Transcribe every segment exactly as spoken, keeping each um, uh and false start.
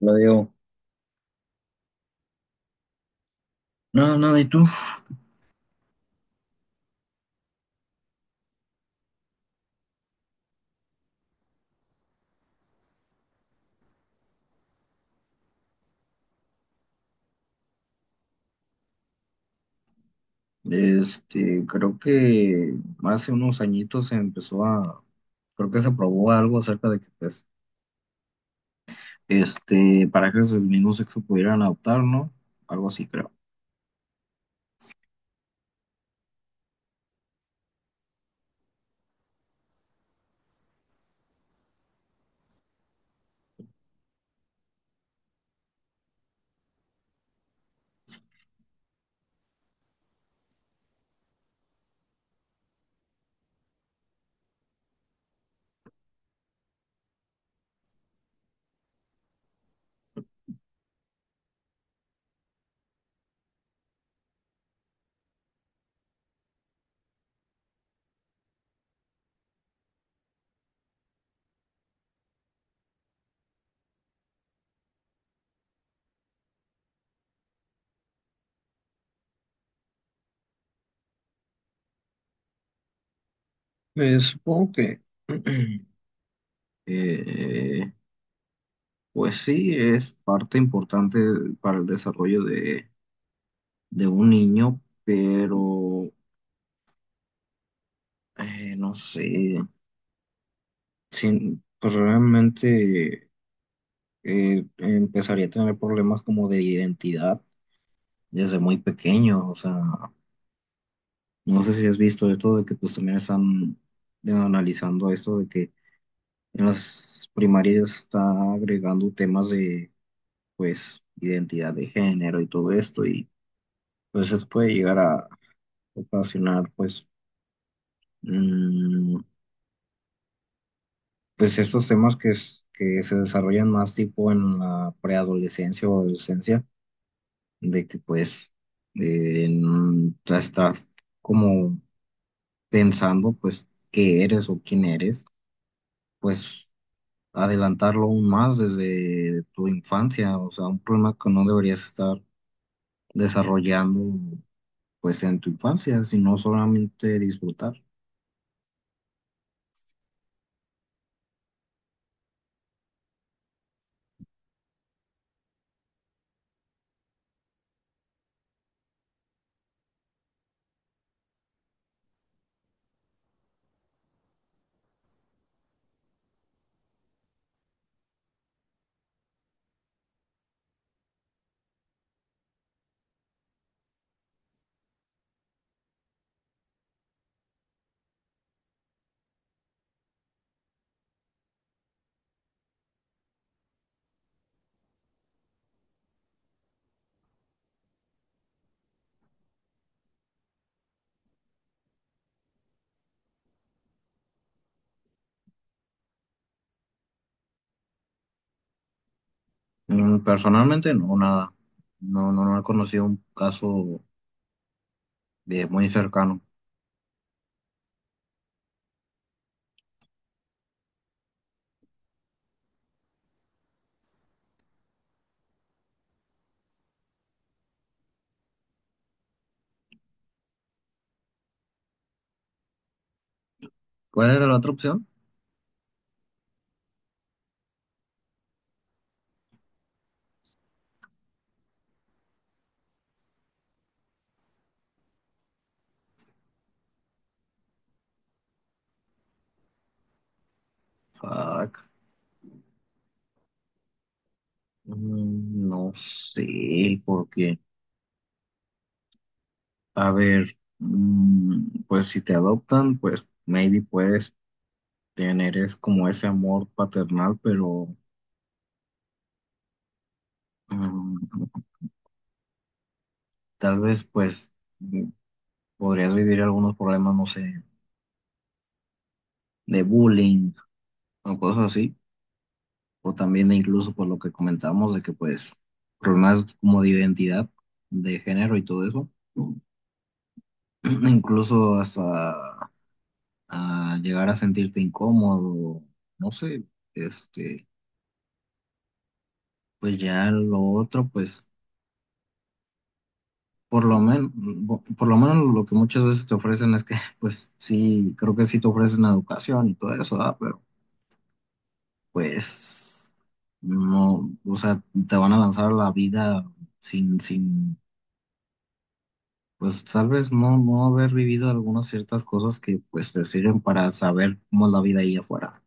Lo digo. No, nada, ¿y tú? Este, creo que hace unos añitos se empezó a, creo que se aprobó algo acerca de que, pues, este, parejas del mismo sexo pudieran adoptar, ¿no? Algo así, creo. Eh, supongo que, eh, pues sí, es parte importante para el desarrollo de, de un niño, pero, eh, no sé, sin, pues realmente... eh, empezaría a tener problemas como de identidad desde muy pequeño. O sea, no sé si has visto esto de que pues también están eh, analizando esto de que en las primarias está agregando temas de pues identidad de género y todo esto y pues eso puede llegar a ocasionar pues mm, pues estos temas que, es- que se desarrollan más tipo en la preadolescencia o adolescencia de que pues eh, en- ya estás como pensando pues qué eres o quién eres, pues adelantarlo aún más desde tu infancia, o sea, un problema que no deberías estar desarrollando pues en tu infancia, sino solamente disfrutar. Mm, personalmente no, nada, no, no, no he conocido un caso de muy cercano. ¿Cuál era la otra opción? Fuck. Mm, no sé, porque a ver, mm, pues si te adoptan, pues maybe puedes tener es como ese amor paternal, pero mm, tal vez pues mm, podrías vivir algunos problemas, no sé, de bullying o cosas así, o también incluso por lo que comentábamos de que pues problemas como de identidad, de género y todo eso, incluso hasta a llegar a sentirte incómodo, no sé, este, pues ya lo otro, pues por lo menos, por lo menos lo que muchas veces te ofrecen es que, pues sí, creo que sí te ofrecen educación y todo eso, ah. Pero pues no, o sea, te van a lanzar a la vida sin, sin, pues tal vez no, no haber vivido algunas ciertas cosas que pues te sirven para saber cómo es la vida ahí afuera.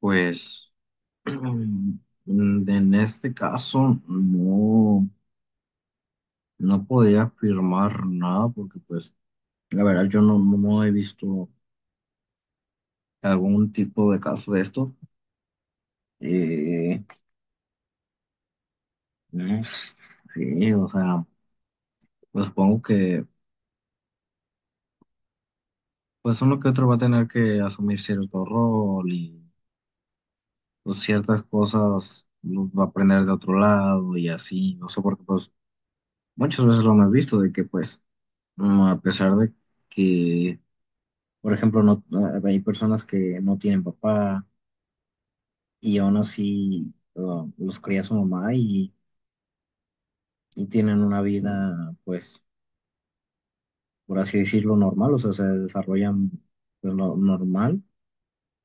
Pues en este caso no, no podría afirmar nada porque pues la verdad yo no, no no he visto algún tipo de caso de esto. Eh, no sé, o sea, pues supongo que pues uno que otro va a tener que asumir cierto rol y pues, ciertas cosas los va a aprender de otro lado y así, no sé, porque pues muchas veces lo hemos visto de que pues mm, a pesar de que, por ejemplo, no, ah, hay personas que no tienen papá y aún así uh, los cría su mamá y, y tienen una vida pues por así decirlo, normal, o sea, se desarrollan pues, no- normal,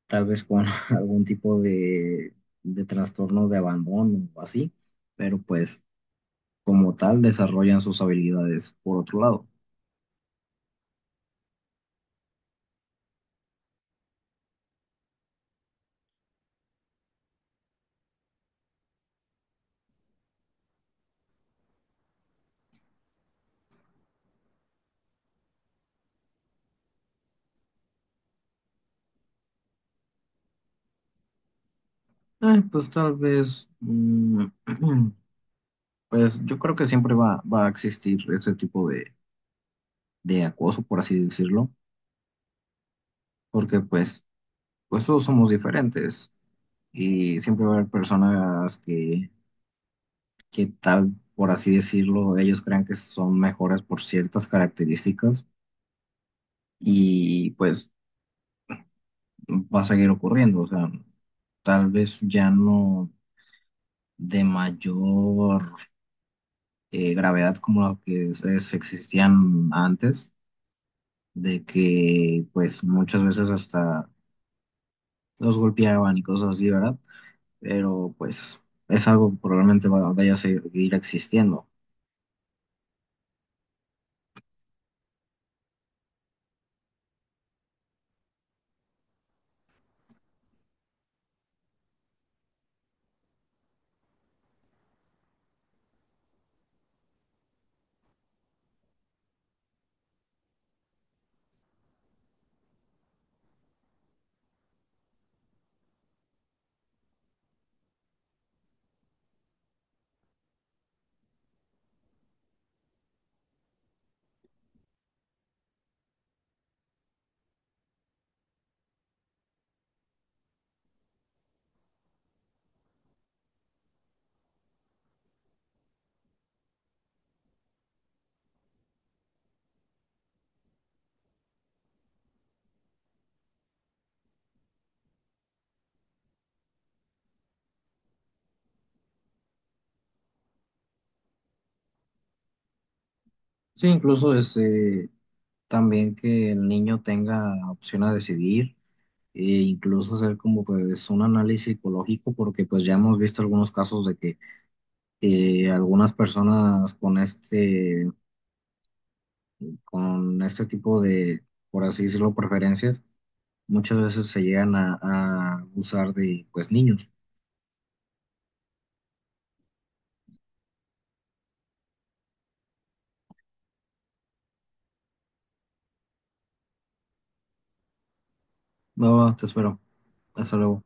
tal vez con algún tipo de, de trastorno de abandono o así, pero pues como tal desarrollan sus habilidades por otro lado. Eh, pues tal vez, mm, pues yo creo que siempre va, va a existir ese tipo de, de acoso, por así decirlo, porque pues, pues todos somos diferentes y siempre va a haber personas que que tal, por así decirlo, ellos crean que son mejores por ciertas características y pues va a seguir ocurriendo, o sea, tal vez ya no de mayor eh, gravedad como la que es- es- existían antes, de que pues muchas veces hasta los golpeaban y cosas así, ¿verdad? Pero pues es algo que probablemente va- vaya a seguir existiendo. Sí, incluso este, también que el niño tenga opción a decidir e incluso hacer como pues un análisis psicológico porque pues ya hemos visto algunos casos de que eh, algunas personas con este con este tipo de por así decirlo preferencias muchas veces se llegan a, a abusar de pues niños. No, te espero. Hasta luego.